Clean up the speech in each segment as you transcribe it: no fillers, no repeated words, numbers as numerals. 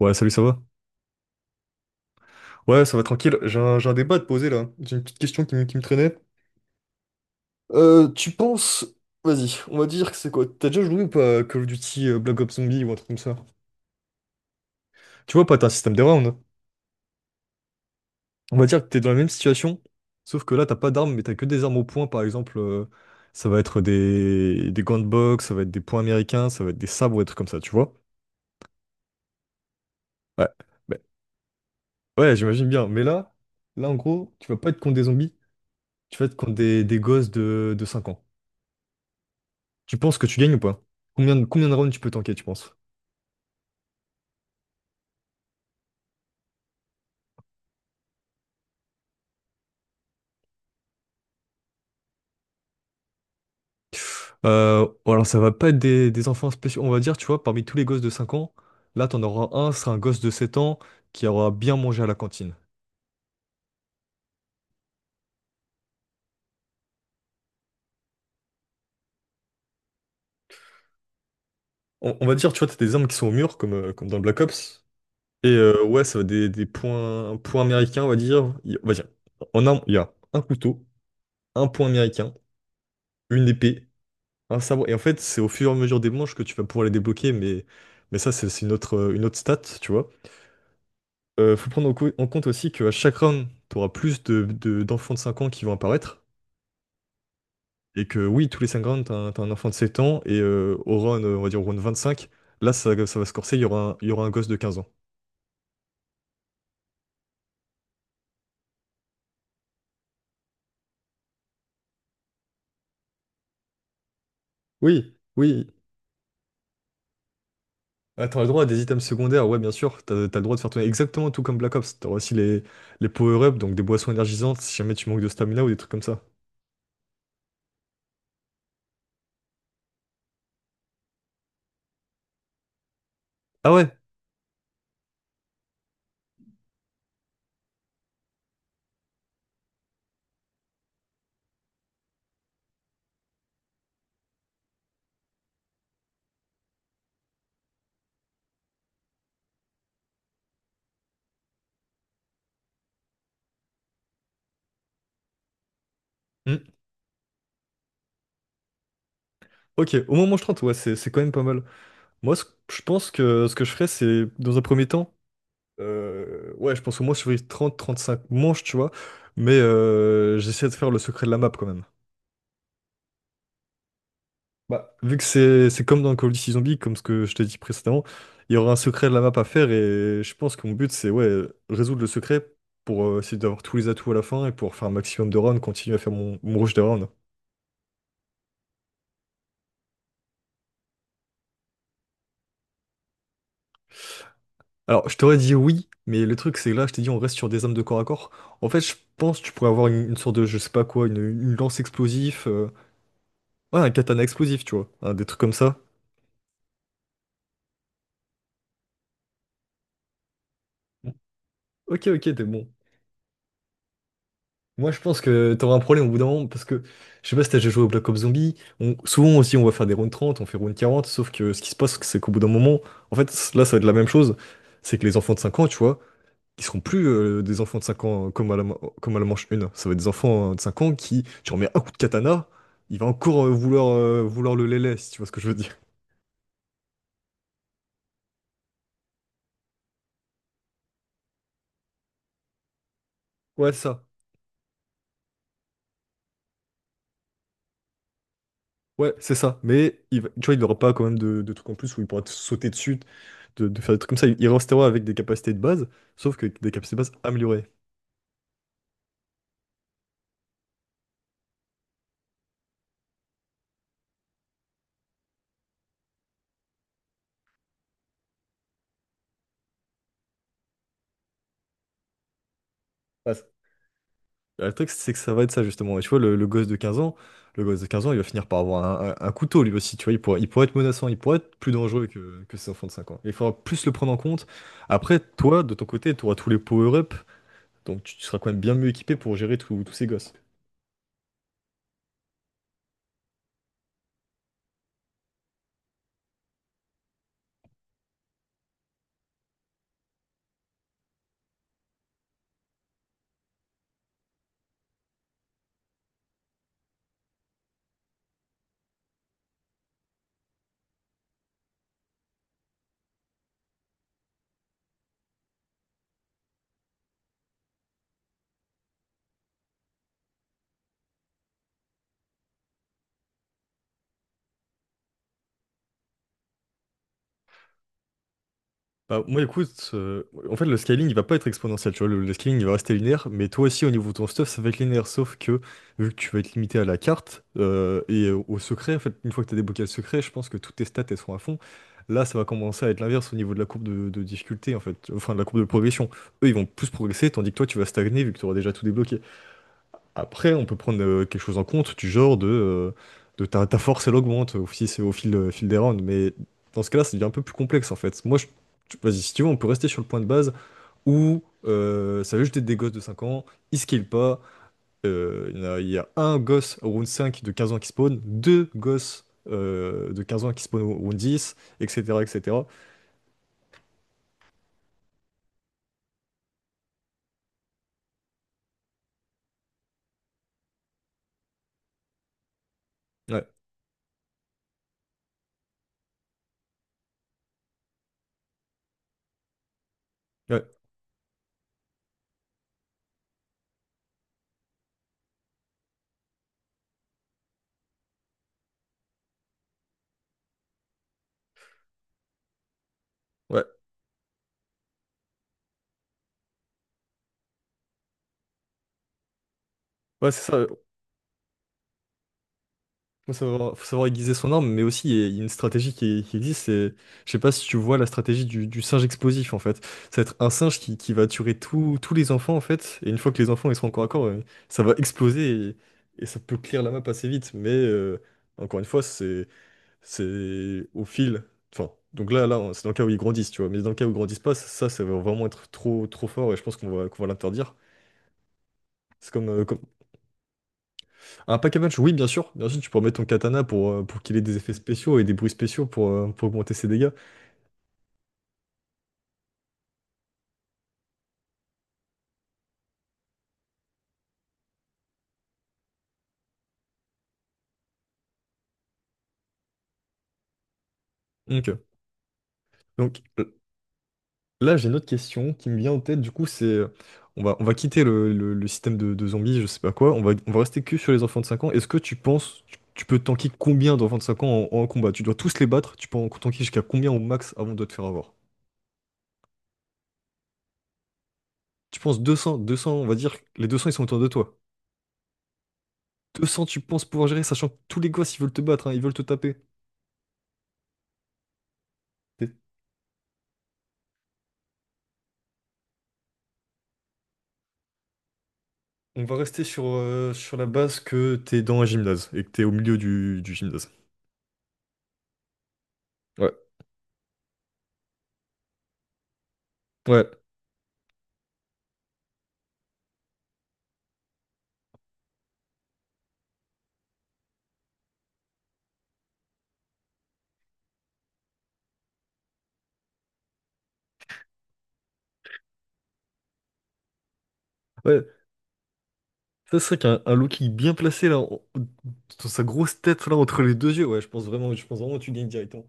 Ouais, salut, ça va? Ouais, ça va tranquille. J'ai un débat à te poser là. J'ai une petite question qui me traînait. Tu penses. Vas-y, on va dire que c'est quoi? T'as déjà joué ou pas à Call of Duty Black Ops Zombie ou un truc comme ça? Tu vois, pas, t'as un système de rounds. On va dire que t'es dans la même situation, sauf que là, t'as pas d'armes, mais t'as que des armes au point, par exemple. Ça va être des gants de boxe, ça va être des poings américains, ça va être des sabres ou des trucs comme ça, tu vois? Ouais, ben, ouais, j'imagine bien. Mais là, en gros, tu vas pas être contre des zombies, tu vas être contre des gosses de 5 ans. Tu penses que tu gagnes ou pas? Combien de rounds tu peux tanker, tu penses? Alors ça va pas être des enfants spéciaux, on va dire, tu vois, parmi tous les gosses de 5 ans, là t'en auras un, ce sera un gosse de 7 ans qui aura bien mangé à la cantine. On va dire, tu vois, t'as des armes qui sont au mur, comme, comme dans Black Ops, et ouais, ça va être des points, points américains, on va dire. On va dire, en armes, il y a un couteau, un point américain, une épée, un sabre, et en fait, c'est au fur et à mesure des manches que tu vas pouvoir les débloquer, mais ça, c'est une autre stat, tu vois. Faut prendre en compte aussi qu'à chaque round, tu auras plus d'enfants de 5 ans qui vont apparaître. Et que oui, tous les 5 rounds, tu un t'as un enfant de 7 ans. Et on va dire au round cinq là, ça va se corser, il y aura un gosse de quinze ans. Oui, oui. Ah, t'auras le droit à des items secondaires, ouais, bien sûr. T'as le droit de faire tourner exactement tout comme Black Ops. T'auras aussi les power-ups, donc des boissons énergisantes si jamais tu manques de stamina ou des trucs comme ça. Ah ouais? Hmm. Ok, au moment où je 30, ouais, c'est quand même pas mal. Moi, ce- je pense que ce que je ferais, c'est, dans un premier temps, ouais, je pense au moins sur les trente cinq manches, tu vois. Mais j'essaie de faire le secret de la map quand même. Bah, vu que c'est comme dans Call of Duty Zombies, comme ce que je t'ai dit précédemment, il y aura un secret de la map à faire et je pense que mon but c'est ouais, résoudre le secret pour essayer d'avoir tous les atouts à la fin et pour faire un maximum de rounds, continuer à faire mon rush de rounds. Alors, je t'aurais dit oui, mais le truc c'est que là, je t'ai dit on reste sur des armes de corps à corps. En fait, je pense que tu pourrais avoir une sorte de, je sais pas quoi, une lance explosif, ouais, un katana explosif, tu vois, hein, des trucs comme ça. Ok, ok, t'es bon. Moi, je pense que t'auras un problème au bout d'un moment parce que je sais pas si t'as déjà joué au Black Ops Zombie. On, souvent aussi, on va faire des rounds 30, on fait round 40. Sauf que ce qui se passe, c'est qu'au bout d'un moment, en fait, ça va être la même chose. C'est que les enfants de 5 ans, tu vois, ils seront plus des enfants de 5 ans comme à la manche une. Ça va être des enfants de 5 ans qui, tu remets un coup de katana, il va encore vouloir le lélé, si tu vois ce que je veux dire. Ouais, c'est ça. Ouais, c'est ça. Mais tu vois, il n'aura pas quand même de trucs en plus où il pourra te sauter dessus, de faire des trucs comme ça. Il restera avec des capacités de base, sauf que des capacités de base améliorées. Ah, c'est- Le truc, c'est que ça va être ça, justement. Et tu vois, le gosse de 15 ans, le gosse de 15 ans, il va finir par avoir un couteau, lui aussi. Tu vois, il pourra être menaçant, il pourra être plus dangereux que ses enfants de 5 ans. Il faudra plus le prendre en compte. Après, toi, de ton côté, tu auras tous les power-up, donc tu seras quand même bien mieux équipé pour gérer tous ces gosses. Bah, moi, écoute, en fait, le scaling, il va pas être exponentiel, tu vois. Le scaling, il va rester linéaire, mais toi aussi, au niveau de ton stuff, ça va être linéaire, sauf que, vu que tu vas être limité à la carte et au secret, en fait, une fois que tu as débloqué le secret, je pense que toutes tes stats, elles sont à fond. Là, ça va commencer à être l'inverse au niveau de la courbe de difficulté, en fait, enfin, de la courbe de progression. Eux, ils vont plus progresser, tandis que toi, tu vas stagner, vu que tu auras déjà tout débloqué. Après, on peut prendre quelque chose en compte du genre de ta force, elle augmente aussi c'est au fil, fil des rounds. Mais dans ce cas-là, ça devient un peu plus complexe en fait. Moi, je... vas-y, si tu veux, on peut rester sur le point de base où ça veut jeter des gosses de cinq ans, ils skillent pas. Il y a un gosse au round 5 de 15 ans qui spawn, deux gosses de 15 ans qui spawn au round 10, etc. etc. Ouais, ouais, ouais, ouais, c'est ça. Faut savoir aiguiser son arme, mais aussi il y a une stratégie qui existe. C'est, je sais pas si tu vois la stratégie du singe explosif en fait. Ça va être un singe qui va tuer tous les enfants en fait. Et une fois que les enfants ils seront encore à corps, ça va exploser et ça peut clear la map assez vite. Mais encore une fois, c'est au fil. Enfin, donc c'est dans le cas où ils grandissent, tu vois. Mais dans le cas où ils grandissent pas, ça va vraiment être trop fort et je pense qu'on va l'interdire. C'est comme, comme un pack à punch, oui, bien sûr. Bien sûr, tu peux remettre ton katana pour qu'il ait des effets spéciaux et des bruits spéciaux pour augmenter ses dégâts. Ok. Donc l- j'ai une autre question qui me vient en tête. Du coup, c'est. On va, on va quitter le système de zombies, je sais pas quoi. On va rester que sur les enfants de 5 ans. Est-ce que tu penses. Tu peux tanker combien d'enfants de 5 ans en combat? Tu dois tous les battre. Tu peux en tanker jusqu'à combien au max avant de te faire avoir? Tu penses deux cents, on va dire. Les 200 ils sont autour de toi. 200 tu penses pouvoir gérer, sachant que tous les gosses, ils veulent te battre, hein, ils veulent te taper. On va rester sur, sur la base que t'es dans un gymnase et que t'es au milieu du gymnase. Ouais, ouais, ouais. Ça serait qu'un un Loki bien placé dans sa grosse tête là entre les deux yeux, ouais, je pense vraiment que tu gagnes directement.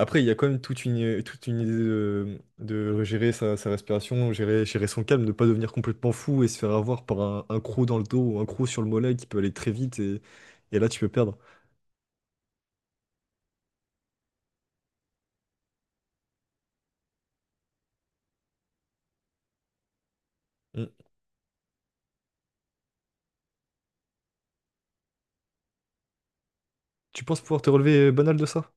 Après, il y a quand même toute une idée de gérer sa respiration, gérer son calme, ne pas devenir complètement fou et se faire avoir par un croc dans le dos ou un croc sur le mollet qui peut aller très vite et là tu peux perdre. Mm. Tu penses pouvoir te relever banal de ça?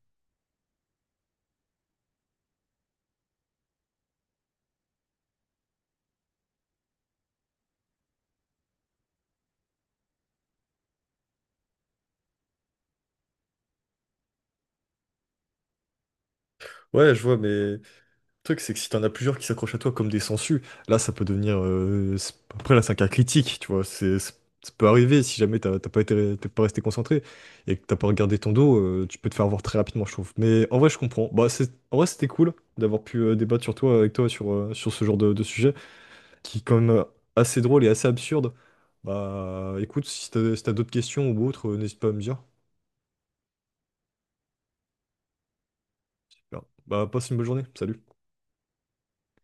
Ouais, je vois, mais. Le truc, c'est que si t'en as plusieurs qui s'accrochent à toi comme des sangsues, là, ça peut devenir. Après, là, c'est un cas critique, tu vois. Ça peut arriver si jamais t'as pas été, t'es pas resté concentré et que t'as pas regardé ton dos, tu peux te faire avoir très rapidement, je trouve. Mais en vrai, je comprends. Bah, c'est, en vrai, c'était cool d'avoir pu avec toi, sur, sur ce genre de sujet qui est quand même assez drôle et assez absurde. Bah, écoute, si t'as d'autres questions ou autres, n'hésite pas à me dire. Super. Bah, passe une bonne journée. Salut.